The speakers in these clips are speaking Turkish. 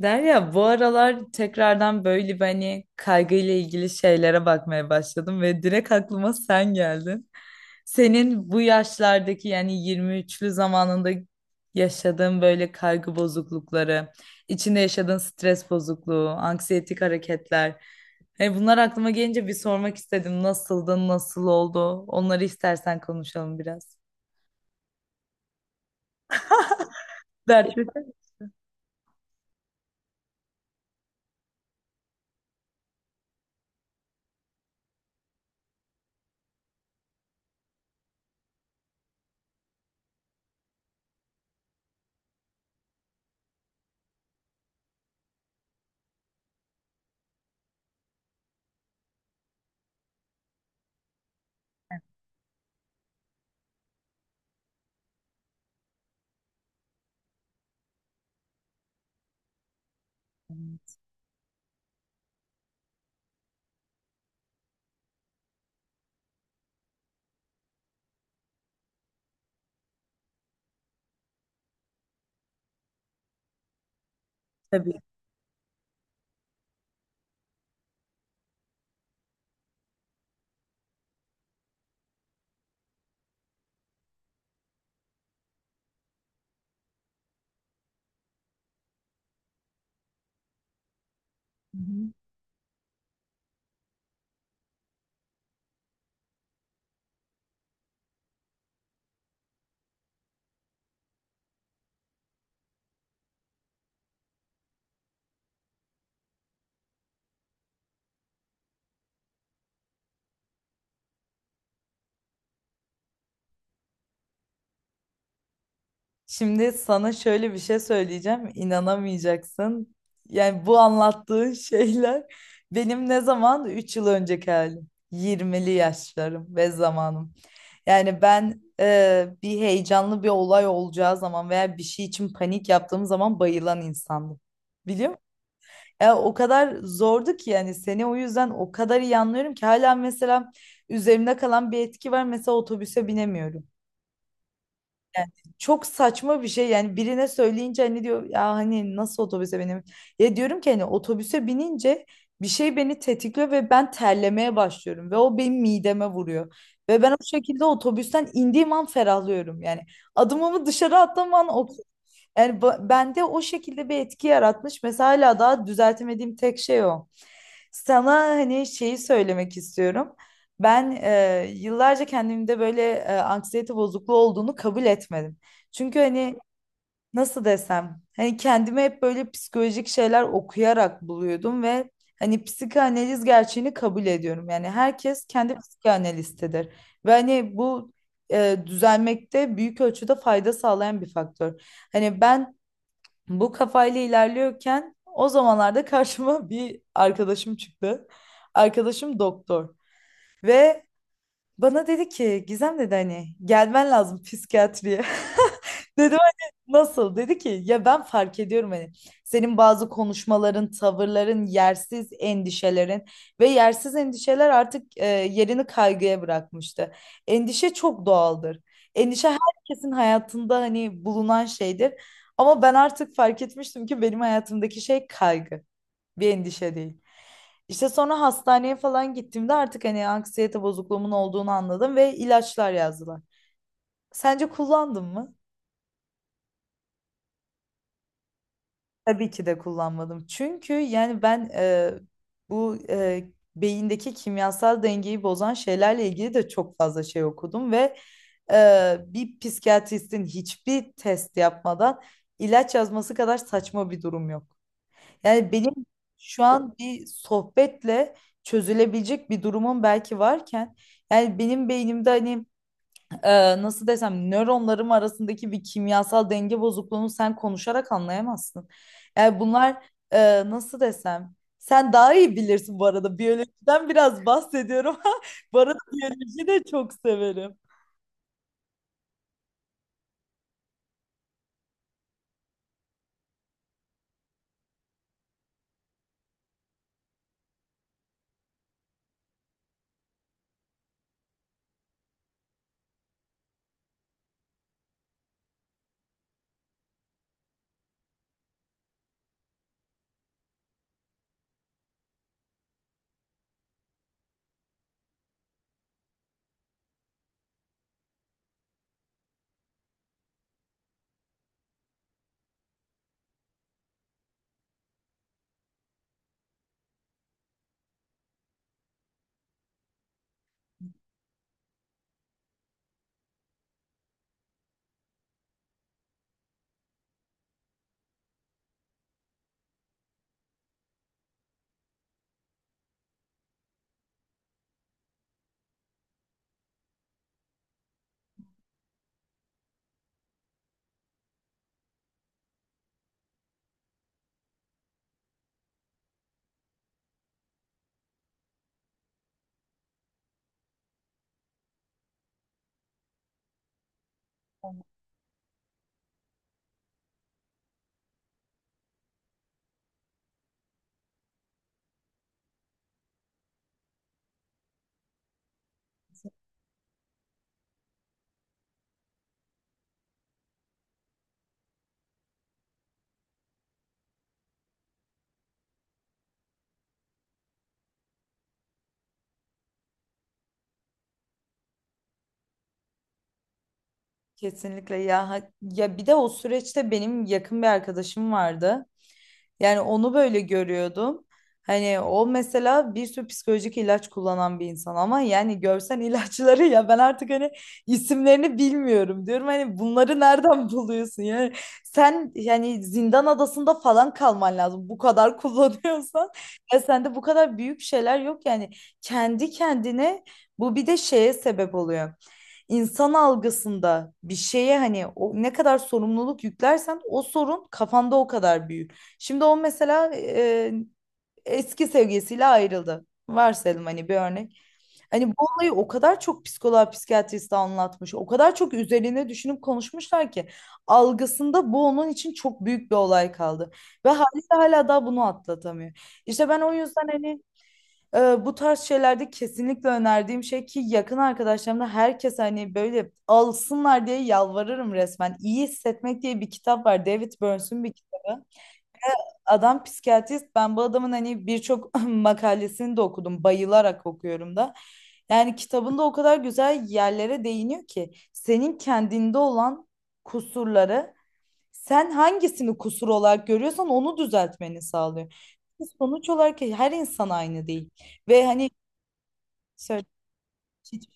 Derya, bu aralar tekrardan böyle bir hani kaygıyla ilgili şeylere bakmaya başladım ve direkt aklıma sen geldin. Senin bu yaşlardaki yani 23'lü zamanında yaşadığın böyle kaygı bozuklukları, içinde yaşadığın stres bozukluğu, anksiyetik hareketler. E bunlar aklıma gelince bir sormak istedim. Nasıldı, nasıl oldu? Onları istersen konuşalım biraz. Dertli. Tabii. Şimdi sana şöyle bir şey söyleyeceğim, inanamayacaksın. Yani bu anlattığın şeyler benim ne zaman 3 yıl önceki halim. Yirmili yaşlarım ve zamanım. Yani ben bir heyecanlı bir olay olacağı zaman veya bir şey için panik yaptığım zaman bayılan insandım. Biliyor musun? Ya o kadar zordu ki yani seni o yüzden o kadar iyi anlıyorum ki hala mesela üzerimde kalan bir etki var. Mesela otobüse binemiyorum. Yani çok saçma bir şey yani birine söyleyince hani diyor ya hani nasıl otobüse benim, ya diyorum ki hani otobüse binince bir şey beni tetikliyor ve ben terlemeye başlıyorum ve o benim mideme vuruyor ve ben o şekilde otobüsten indiğim an ferahlıyorum yani adımımı dışarı attığım an o, yani bende o şekilde bir etki yaratmış mesela hala daha düzeltemediğim tek şey o. Sana hani şeyi söylemek istiyorum. Ben yıllarca kendimde böyle anksiyete bozukluğu olduğunu kabul etmedim. Çünkü hani nasıl desem hani kendime hep böyle psikolojik şeyler okuyarak buluyordum ve hani psikanaliz gerçeğini kabul ediyorum. Yani herkes kendi psikanalistidir ve hani bu düzelmekte büyük ölçüde fayda sağlayan bir faktör. Hani ben bu kafayla ilerliyorken o zamanlarda karşıma bir arkadaşım çıktı. Arkadaşım doktor ve bana dedi ki Gizem dedi hani gelmen lazım psikiyatriye. Dedim hani nasıl? Dedi ki ya ben fark ediyorum hani senin bazı konuşmaların, tavırların, yersiz endişelerin ve yersiz endişeler artık yerini kaygıya bırakmıştı. Endişe çok doğaldır. Endişe herkesin hayatında hani bulunan şeydir. Ama ben artık fark etmiştim ki benim hayatımdaki şey kaygı, bir endişe değil. İşte sonra hastaneye falan gittiğimde artık hani anksiyete bozukluğumun olduğunu anladım ve ilaçlar yazdılar. Sence kullandın mı? Tabii ki de kullanmadım. Çünkü yani ben bu beyindeki kimyasal dengeyi bozan şeylerle ilgili de çok fazla şey okudum ve bir psikiyatristin hiçbir test yapmadan ilaç yazması kadar saçma bir durum yok. Yani benim şu an bir sohbetle çözülebilecek bir durumum belki varken yani benim beynimde hani nasıl desem nöronlarım arasındaki bir kimyasal denge bozukluğunu sen konuşarak anlayamazsın. Yani bunlar nasıl desem sen daha iyi bilirsin bu arada biyolojiden biraz bahsediyorum. Bu arada biyolojiyi de çok severim. Kesinlikle ya ya bir de o süreçte benim yakın bir arkadaşım vardı. Yani onu böyle görüyordum. Hani o mesela bir sürü psikolojik ilaç kullanan bir insan ama yani görsen ilaçları ya ben artık hani isimlerini bilmiyorum diyorum. Hani bunları nereden buluyorsun? Yani sen yani zindan adasında falan kalman lazım bu kadar kullanıyorsan. Ya sende bu kadar büyük şeyler yok yani kendi kendine bu bir de şeye sebep oluyor insan algısında bir şeye hani o ne kadar sorumluluk yüklersen o sorun kafanda o kadar büyür. Şimdi o mesela eski sevgilisiyle ayrıldı. Varsayalım hani bir örnek. Hani bu olayı o kadar çok psikoloğa, psikiyatriste anlatmış, o kadar çok üzerine düşünüp konuşmuşlar ki algısında bu onun için çok büyük bir olay kaldı. Ve haliyle hala daha bunu atlatamıyor. İşte ben o yüzden hani bu tarz şeylerde kesinlikle önerdiğim şey ki yakın arkadaşlarımda herkes hani böyle alsınlar diye yalvarırım resmen. İyi Hissetmek diye bir kitap var. David Burns'un bir kitabı. Adam psikiyatrist. Ben bu adamın hani birçok makalesini de okudum. Bayılarak okuyorum da. Yani kitabında o kadar güzel yerlere değiniyor ki senin kendinde olan kusurları sen hangisini kusur olarak görüyorsan onu düzeltmeni sağlıyor. Sonuç olarak her insan aynı değil. Ve hani söyle. Hiç.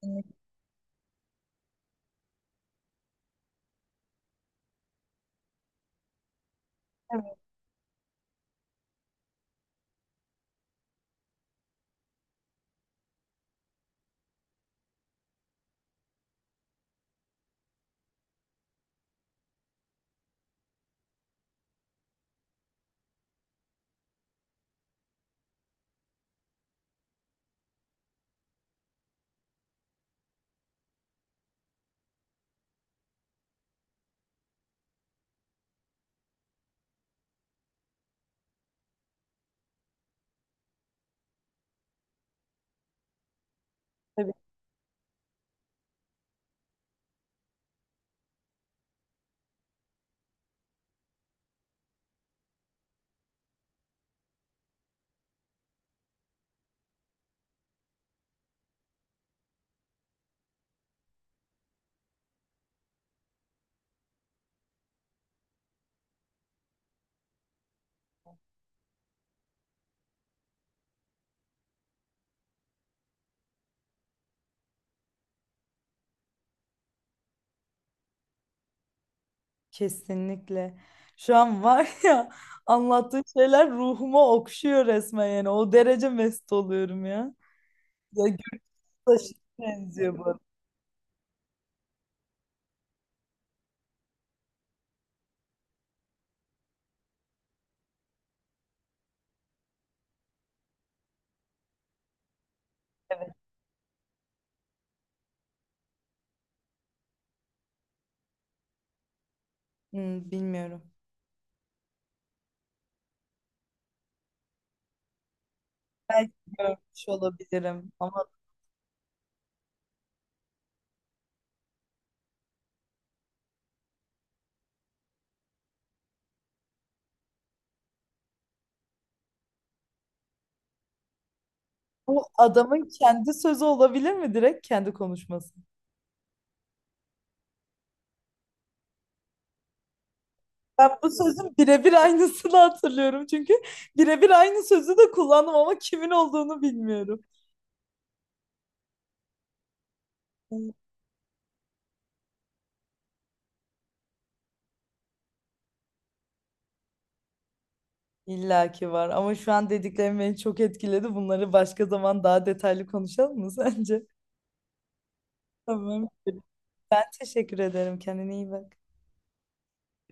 Kesinlikle. Kesinlikle. Şu an var ya anlattığın şeyler ruhuma okşuyor resmen yani. O derece mest oluyorum ya. Ya Gürcü taşına benziyor bu. Hmm, bilmiyorum. Belki görmüş olabilirim ama bu adamın kendi sözü olabilir mi, direkt kendi konuşması? Ben bu sözün birebir aynısını hatırlıyorum çünkü birebir aynı sözü de kullandım ama kimin olduğunu bilmiyorum. İlla ki var ama şu an dediklerim beni çok etkiledi. Bunları başka zaman daha detaylı konuşalım mı sence? Tamam. Ben teşekkür ederim. Kendine iyi bak.